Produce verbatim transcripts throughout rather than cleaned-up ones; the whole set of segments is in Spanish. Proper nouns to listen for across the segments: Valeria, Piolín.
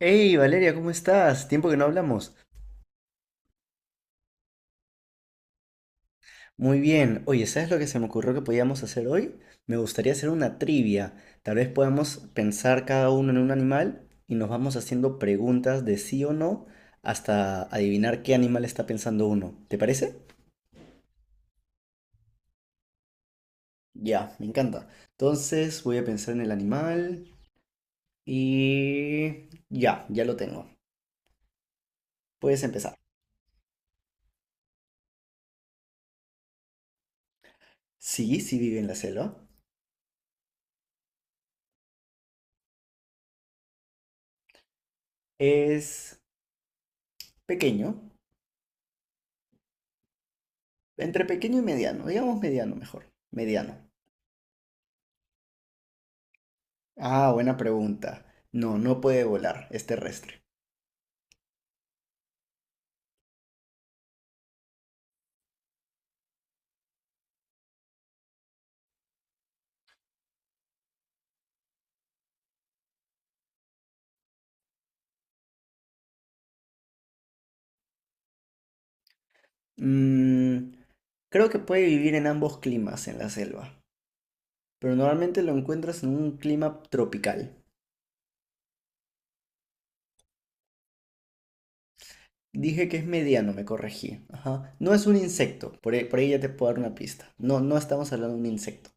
Hey Valeria, ¿cómo estás? Tiempo que no hablamos. Muy bien. Oye, ¿sabes lo que se me ocurrió que podíamos hacer hoy? Me gustaría hacer una trivia. Tal vez podamos pensar cada uno en un animal y nos vamos haciendo preguntas de sí o no hasta adivinar qué animal está pensando uno. ¿Te parece? Ya, me encanta. Entonces voy a pensar en el animal y... Ya, ya lo tengo. Puedes empezar. Sí, sí vive en la selva. Es pequeño. Entre pequeño y mediano, digamos mediano mejor. Mediano. Ah, buena pregunta. No, no puede volar, es terrestre. Mm, Creo que puede vivir en ambos climas en la selva, pero normalmente lo encuentras en un clima tropical. Dije que es mediano, me corregí. Ajá. No es un insecto, por ahí, por ahí ya te puedo dar una pista. No, no estamos hablando de un insecto.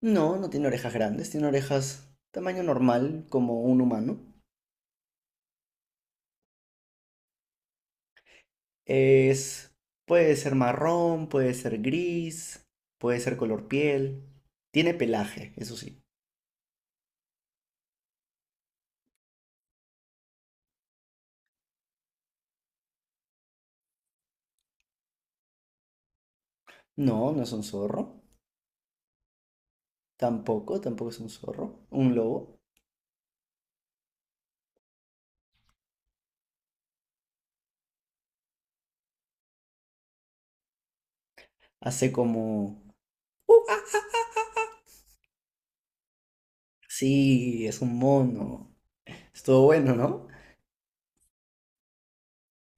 No, no tiene orejas grandes, tiene orejas tamaño normal, como un humano. Es, puede ser marrón, puede ser gris, puede ser color piel. Tiene pelaje, eso sí. No, no es un zorro. Tampoco, tampoco es un zorro. Un lobo. Hace como... "Uh". Sí, es un mono. Estuvo bueno, ¿no?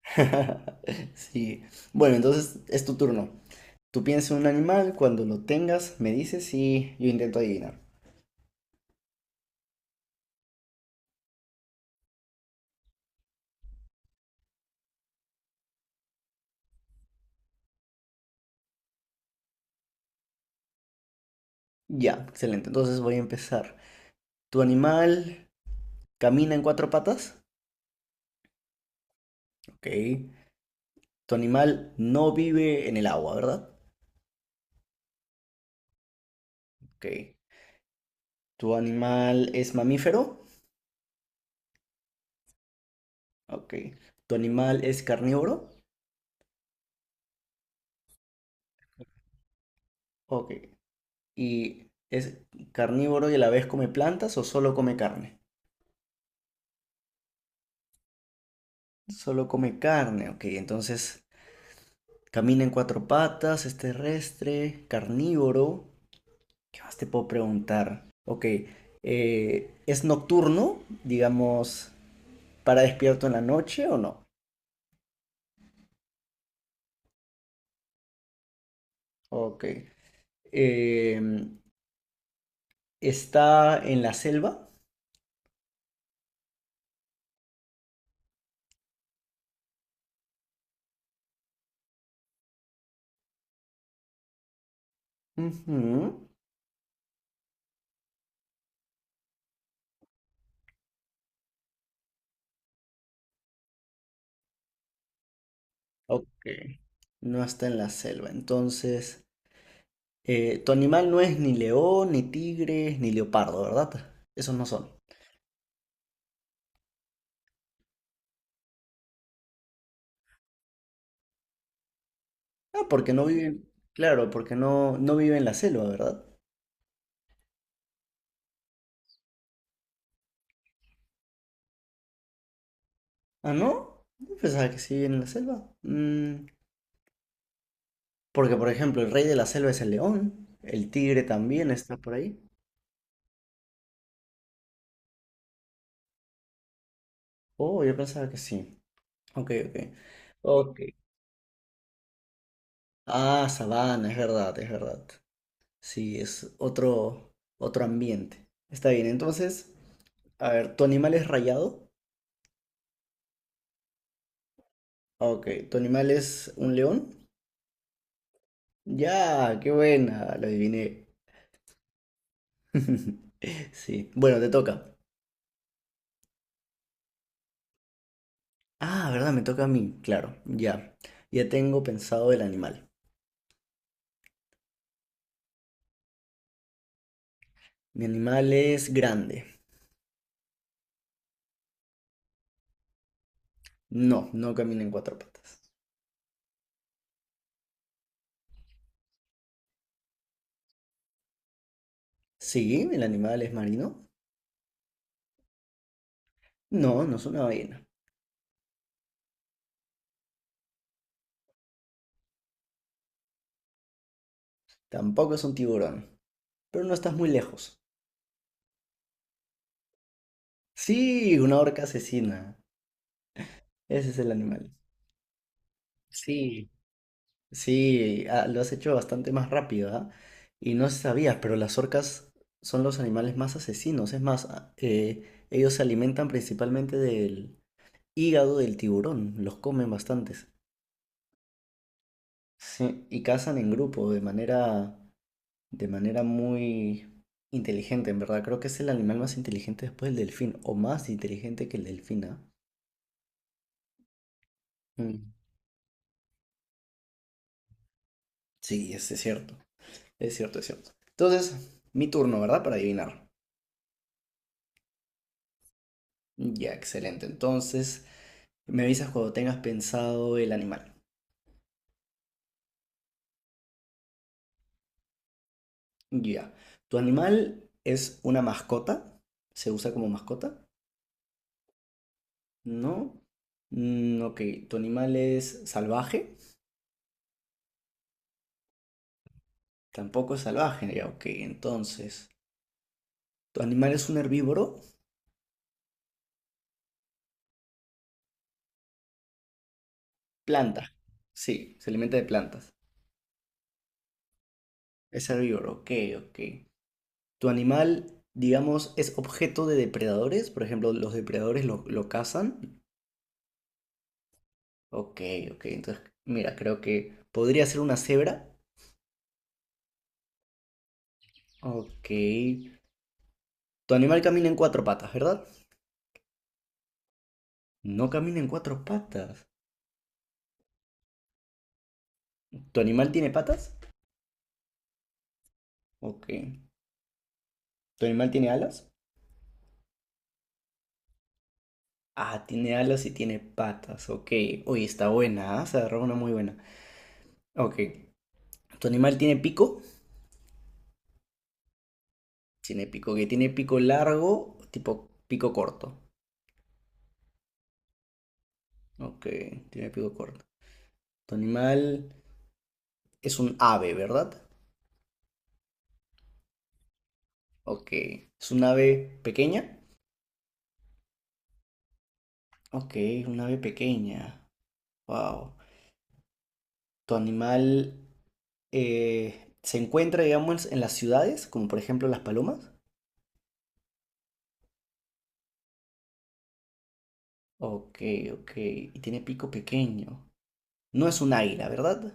Sí. Bueno, entonces es tu turno. Tú piensas en un animal, cuando lo tengas me dices y yo intento adivinar. Ya, excelente. Entonces voy a empezar. ¿Tu animal camina en cuatro patas? Ok. Tu animal no vive en el agua, ¿verdad? Ok. ¿Tu animal es mamífero? Ok. ¿Tu animal es carnívoro? Ok. ¿Y es carnívoro y a la vez come plantas o solo come carne? Solo come carne, ok. Entonces, camina en cuatro patas, es terrestre, carnívoro. ¿Qué más te puedo preguntar? Ok. Eh, ¿es nocturno? Digamos, ¿para despierto en la noche o no? Ok. Em, ¿Está en la selva? Ujú. Ok. No está en la selva. Entonces, eh, tu animal no es ni león, ni tigre, ni leopardo, ¿verdad? Esos no son. Ah, porque no viven. Claro, porque no, no vive en la selva, ¿verdad? Ah, ¿no? Yo pensaba que sí vive en la selva. Mm, porque, por ejemplo, el rey de la selva es el león. El tigre también está por ahí. Oh, yo pensaba que sí. Ok, ok. Ok. Ah, sabana, es verdad, es verdad. Sí, es otro, otro ambiente. Está bien, entonces, a ver, ¿tu animal es rayado? Ah, ok, ¿tu animal es un león? Ya, qué buena, lo adiviné. Sí, bueno, te toca. Ah, ¿verdad? Me toca a mí, claro, ya. Ya tengo pensado el animal. Mi animal es grande. No, no camina en cuatro patas. Sí, el animal es marino. No, no es una ballena. Tampoco es un tiburón. Pero no estás muy lejos. Sí, una orca asesina. Ese es el animal. Sí. Sí, ah, lo has hecho bastante más rápido, ¿ah? Y no sabías, pero las orcas son los animales más asesinos. Es más, ah, eh, ellos se alimentan principalmente del hígado del tiburón, los comen bastantes. Sí, y cazan en grupo de manera, de manera muy inteligente, en verdad. Creo que es el animal más inteligente después del delfín, o más inteligente que el delfín, ¿ah? Mm, Sí, es es cierto, es cierto, es cierto. Entonces, mi turno, ¿verdad? Para adivinar. Ya, excelente. Entonces, me avisas cuando tengas pensado el animal. Ya. ¿Tu animal es una mascota? ¿Se usa como mascota? No. Mm, ok. ¿Tu animal es salvaje? Tampoco es salvaje. Ya, ok. Entonces, ¿tu animal es un herbívoro? Planta. Sí, se alimenta de plantas. Es herbívoro. Ok, ok. ¿Tu animal, digamos, es objeto de depredadores? Por ejemplo, los depredadores lo, lo cazan. Ok, ok. Entonces, mira, creo que podría ser una cebra. Ok. Tu animal camina en cuatro patas, ¿verdad? No camina en cuatro patas. ¿Tu animal tiene patas? Ok. ¿Tu animal tiene alas? Ah, tiene alas y tiene patas. Ok. Oye, está buena, ¿ah? Se agarró una muy buena. Ok. ¿Tu animal tiene pico? Tiene pico. Que ¿tiene pico largo? Tipo pico corto. Ok. Tiene pico corto. ¿Tu animal es un ave, verdad? Ok. ¿Es un ave pequeña? Ok, una ave pequeña. Wow. ¿Tu animal eh, se encuentra, digamos, en las ciudades, como por ejemplo las palomas? Ok, ok. Y tiene pico pequeño. No es un águila, ¿verdad?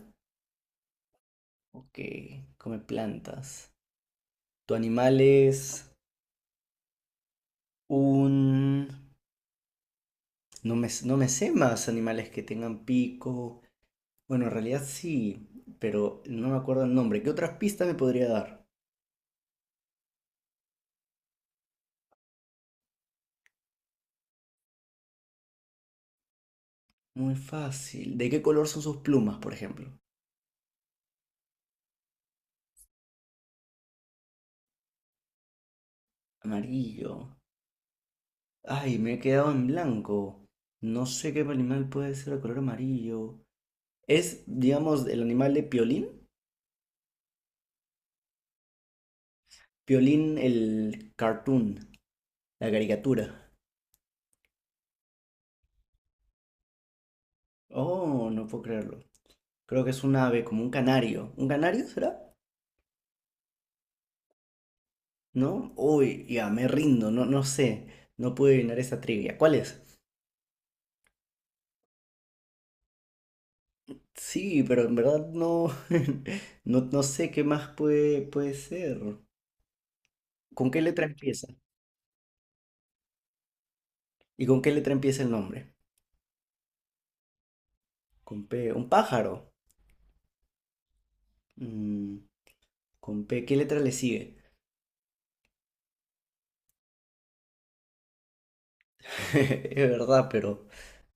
Ok, come plantas. ¿Tu animal es un... No me, no me sé más animales que tengan pico. Bueno, en realidad sí, pero no me acuerdo el nombre. ¿Qué otras pistas me podría dar? Muy fácil. ¿De qué color son sus plumas, por ejemplo? Amarillo. Ay, me he quedado en blanco. No sé qué animal puede ser de color amarillo. Es, digamos, el animal de Piolín. Piolín, el cartoon, la caricatura. Oh, no puedo creerlo. Creo que es un ave, como un canario. ¿Un canario será? ¿No? Uy, ya, me rindo, no, no sé. No puedo adivinar esa trivia. ¿Cuál es? Sí, pero en verdad no, no, no sé qué más puede, puede ser. ¿Con qué letra empieza? ¿Y con qué letra empieza el nombre? Con P. Un pájaro. Mm, con P, ¿qué letra le sigue? Es verdad, pero,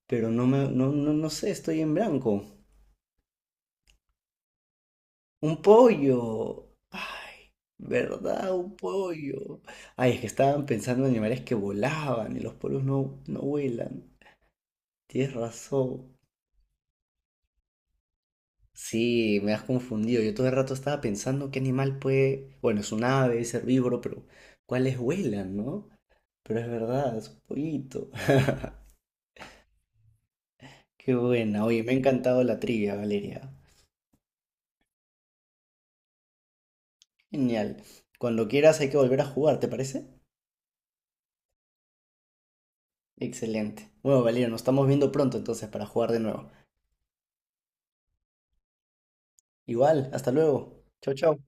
pero no me, no, no, no sé, estoy en blanco. Un pollo. Ay, ¿verdad? Un pollo. Ay, es que estaban pensando en animales que volaban y los pollos no, no vuelan. Tienes razón. Sí, me has confundido. Yo todo el rato estaba pensando qué animal puede. Bueno, es un ave, es herbívoro, pero ¿cuáles vuelan, no? Pero es verdad, es un pollito. Qué buena. Oye, me ha encantado la trivia, Valeria. Genial. Cuando quieras hay que volver a jugar, ¿te parece? Excelente. Bueno, Valeria, nos estamos viendo pronto entonces para jugar de nuevo. Igual, hasta luego. Chau, chau.